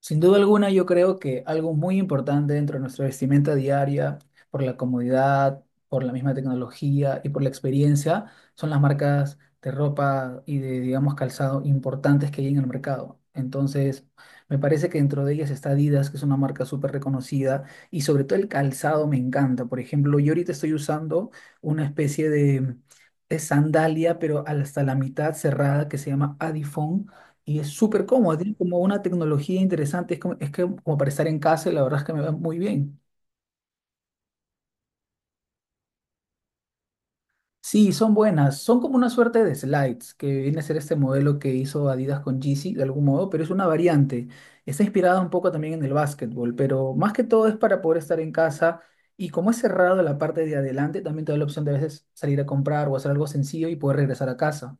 Sin duda alguna, yo creo que algo muy importante dentro de nuestra vestimenta diaria, por la comodidad, por la misma tecnología y por la experiencia, son las marcas de ropa y de, digamos, calzado importantes que hay en el mercado. Entonces, me parece que dentro de ellas está Adidas, que es una marca súper reconocida, y sobre todo el calzado me encanta. Por ejemplo, yo ahorita estoy usando una especie de sandalia, pero hasta la mitad cerrada, que se llama Adifon y es súper cómodo, tiene como una tecnología interesante, es como, es que, como para estar en casa y la verdad es que me va muy bien. Sí, son buenas, son como una suerte de slides, que viene a ser este modelo que hizo Adidas con Yeezy de algún modo, pero es una variante. Está inspirada un poco también en el básquetbol, pero más que todo es para poder estar en casa y como es cerrado la parte de adelante, también te da la opción de a veces salir a comprar o hacer algo sencillo y poder regresar a casa.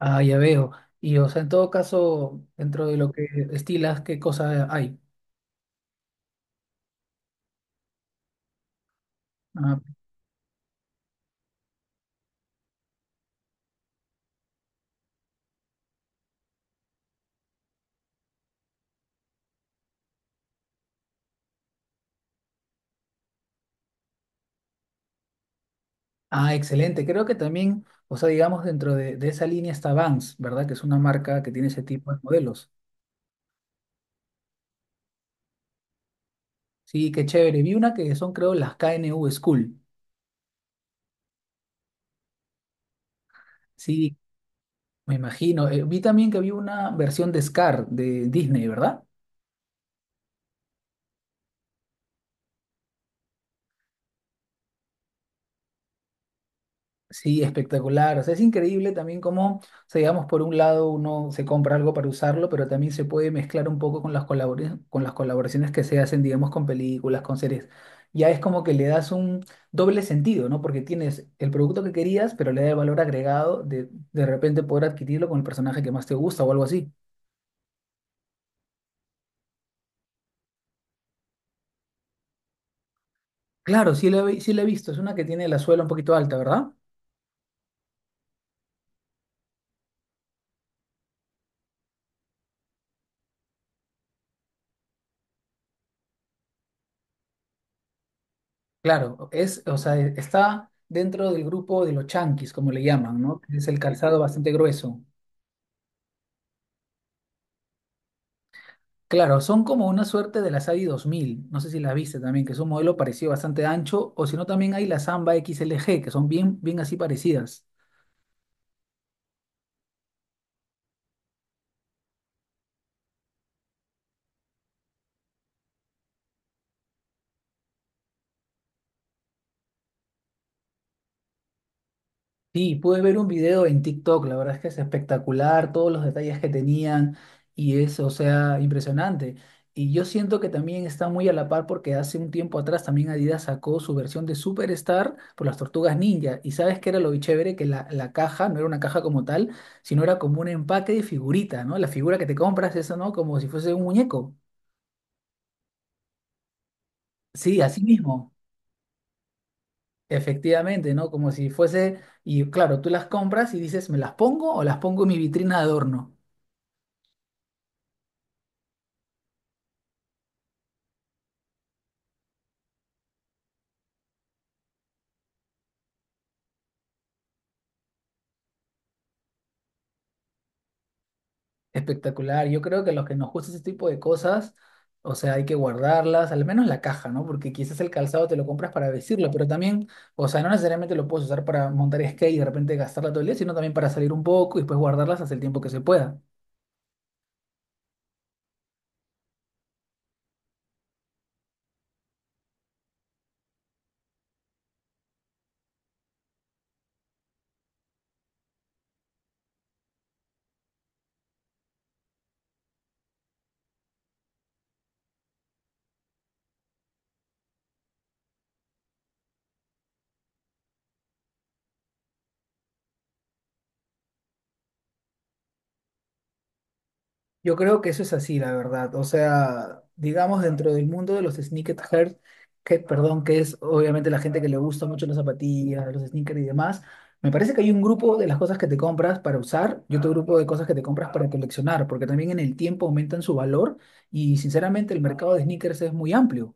Ah, ya veo. Y o sea, en todo caso, dentro de lo que estilas, ¿qué cosa hay? Ah, Ah, excelente. Creo que también, o sea, digamos, dentro de esa línea está Vans, ¿verdad? Que es una marca que tiene ese tipo de modelos. Sí, qué chévere. Vi una que son, creo, las KNU School. Sí, me imagino. Vi también que había una versión de Scar de Disney, ¿verdad? Sí, espectacular. O sea, es increíble también cómo, o sea, digamos, por un lado uno se compra algo para usarlo, pero también se puede mezclar un poco con con las colaboraciones que se hacen, digamos, con películas, con series. Ya es como que le das un doble sentido, ¿no? Porque tienes el producto que querías, pero le da el valor agregado de repente poder adquirirlo con el personaje que más te gusta o algo así. Claro, sí la he visto. Es una que tiene la suela un poquito alta, ¿verdad? Claro, es, o sea, está dentro del grupo de los chanquis, como le llaman, ¿no? Es el calzado bastante grueso. Claro, son como una suerte de la Sadi 2000, no sé si la viste también, que es un modelo parecido bastante ancho, o si no también hay la Samba XLG, que son bien, bien así parecidas. Sí, pude ver un video en TikTok, la verdad es que es espectacular, todos los detalles que tenían y es, o sea, impresionante. Y yo siento que también está muy a la par porque hace un tiempo atrás también Adidas sacó su versión de Superstar por las Tortugas Ninja. Y sabes que era lo chévere que la caja no era una caja como tal, sino era como un empaque de figurita, ¿no? La figura que te compras, eso, ¿no? Como si fuese un muñeco. Sí, así mismo, efectivamente, ¿no? Como si fuese, y claro, tú las compras y dices, ¿me las pongo o las pongo en mi vitrina de adorno? Espectacular. Yo creo que los que nos gusta ese tipo de cosas, o sea, hay que guardarlas, al menos la caja, ¿no? Porque quizás el calzado te lo compras para vestirlo, pero también, o sea, no necesariamente lo puedes usar para montar skate y de repente gastarla todo el día, sino también para salir un poco y después guardarlas hasta el tiempo que se pueda. Yo creo que eso es así, la verdad. O sea, digamos, dentro del mundo de los sneakerheads, que, perdón, que es obviamente la gente que le gusta mucho las zapatillas, los sneakers y demás, me parece que hay un grupo de las cosas que te compras para usar y otro grupo de cosas que te compras para coleccionar, porque también en el tiempo aumentan su valor y sinceramente el mercado de sneakers es muy amplio.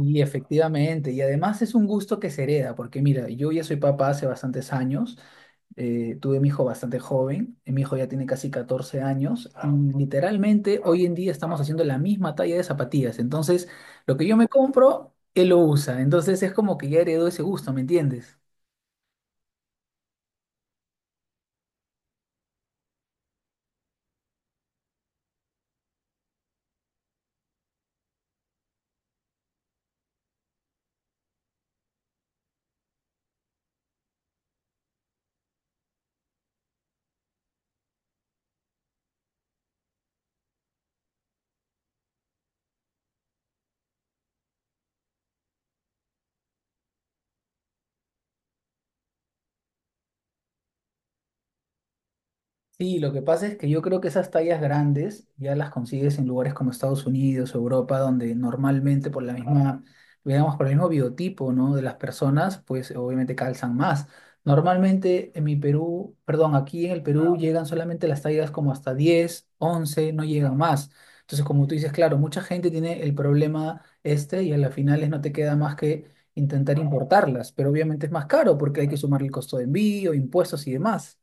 Y efectivamente, y además es un gusto que se hereda, porque mira, yo ya soy papá hace bastantes años, tuve mi hijo bastante joven, mi hijo ya tiene casi 14 años, y literalmente hoy en día estamos haciendo la misma talla de zapatillas, entonces lo que yo me compro, él lo usa, entonces es como que ya heredó ese gusto, ¿me entiendes? Sí, lo que pasa es que yo creo que esas tallas grandes ya las consigues en lugares como Estados Unidos, Europa, donde normalmente por la misma, digamos, por el mismo biotipo, ¿no? de las personas, pues obviamente calzan más. Normalmente en mi Perú, perdón, aquí en el Perú llegan solamente las tallas como hasta 10, 11, no llegan más. Entonces, como tú dices, claro, mucha gente tiene el problema este y a las finales no te queda más que intentar importarlas, pero obviamente es más caro porque hay que sumar el costo de envío, impuestos y demás.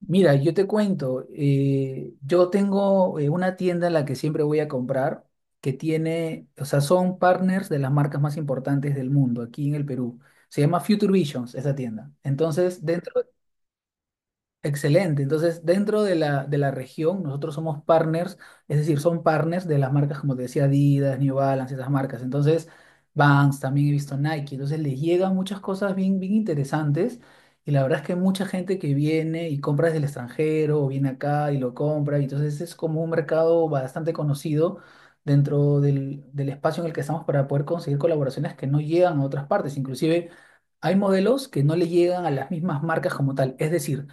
Mira, yo te cuento, yo tengo una tienda en la que siempre voy a comprar, que tiene, o sea, son partners de las marcas más importantes del mundo aquí en el Perú. Se llama Future Visions, esa tienda. Entonces, dentro. Excelente. Entonces, dentro de la región, nosotros somos partners, es decir, son partners de las marcas, como te decía, Adidas, New Balance, esas marcas. Entonces, Vans, también he visto Nike. Entonces, les llegan muchas cosas bien, bien interesantes. Y la verdad es que mucha gente que viene y compra desde el extranjero o viene acá y lo compra. Y entonces, es como un mercado bastante conocido dentro del, del espacio en el que estamos para poder conseguir colaboraciones que no llegan a otras partes. Inclusive, hay modelos que no le llegan a las mismas marcas como tal. Es decir,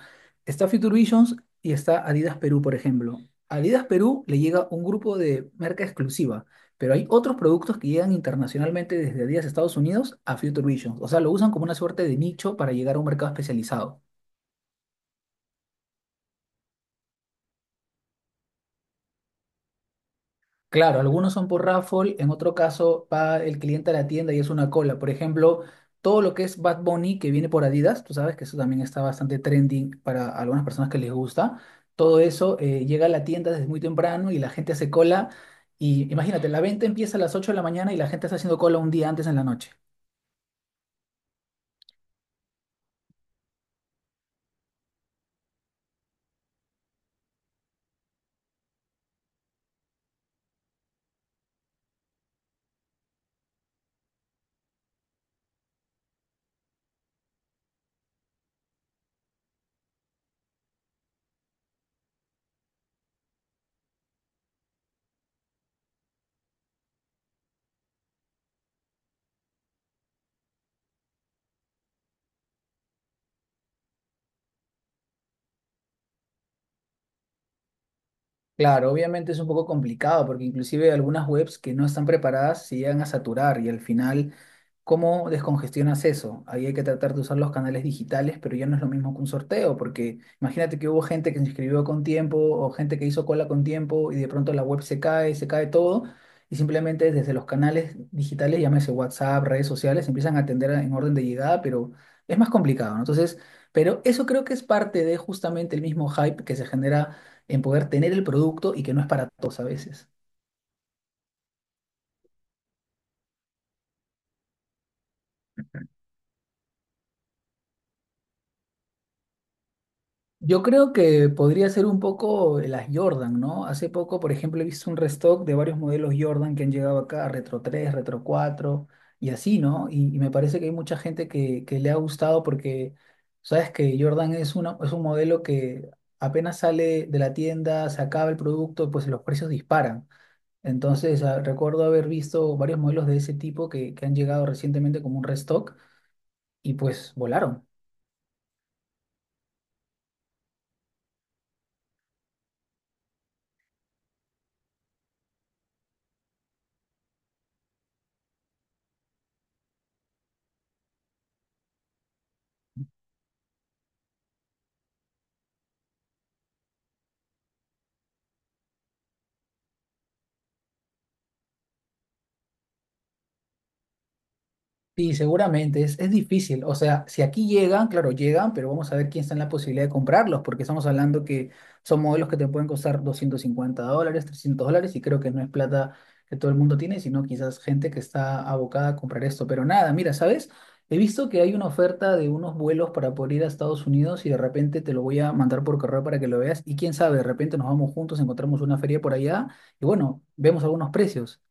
está Future Visions y está Adidas Perú, por ejemplo. A Adidas Perú le llega un grupo de marca exclusiva, pero hay otros productos que llegan internacionalmente desde Adidas Estados Unidos a Future Visions. O sea, lo usan como una suerte de nicho para llegar a un mercado especializado. Claro, algunos son por raffle, en otro caso va el cliente a la tienda y es una cola. Por ejemplo, todo lo que es Bad Bunny que viene por Adidas, tú sabes que eso también está bastante trending para algunas personas que les gusta. Todo eso llega a la tienda desde muy temprano y la gente hace cola. Y imagínate, la venta empieza a las 8 de la mañana y la gente está haciendo cola un día antes en la noche. Claro, obviamente es un poco complicado porque inclusive algunas webs que no están preparadas se llegan a saturar y al final, ¿cómo descongestionas eso? Ahí hay que tratar de usar los canales digitales, pero ya no es lo mismo que un sorteo, porque imagínate que hubo gente que se inscribió con tiempo o gente que hizo cola con tiempo y de pronto la web se cae todo y simplemente desde los canales digitales, llámese WhatsApp, redes sociales, empiezan a atender en orden de llegada, pero es más complicado, ¿no? Entonces, pero eso creo que es parte de justamente el mismo hype que se genera en poder tener el producto y que no es para todos a veces. Yo creo que podría ser un poco las Jordan, ¿no? Hace poco, por ejemplo, he visto un restock de varios modelos Jordan que han llegado acá, Retro 3, Retro 4 y así, ¿no? Y me parece que hay mucha gente que le ha gustado porque, sabes que Jordan es, una, es un modelo que apenas sale de la tienda, se acaba el producto, pues los precios disparan. Entonces, ah, recuerdo haber visto varios modelos de ese tipo que han llegado recientemente como un restock y pues volaron. Sí, seguramente, es difícil. O sea, si aquí llegan, claro, llegan, pero vamos a ver quién está en la posibilidad de comprarlos, porque estamos hablando que son modelos que te pueden costar $250, $300, y creo que no es plata que todo el mundo tiene, sino quizás gente que está abocada a comprar esto. Pero nada, mira, ¿sabes? He visto que hay una oferta de unos vuelos para poder ir a Estados Unidos y de repente te lo voy a mandar por correo para que lo veas y quién sabe, de repente nos vamos juntos, encontramos una feria por allá y bueno, vemos algunos precios.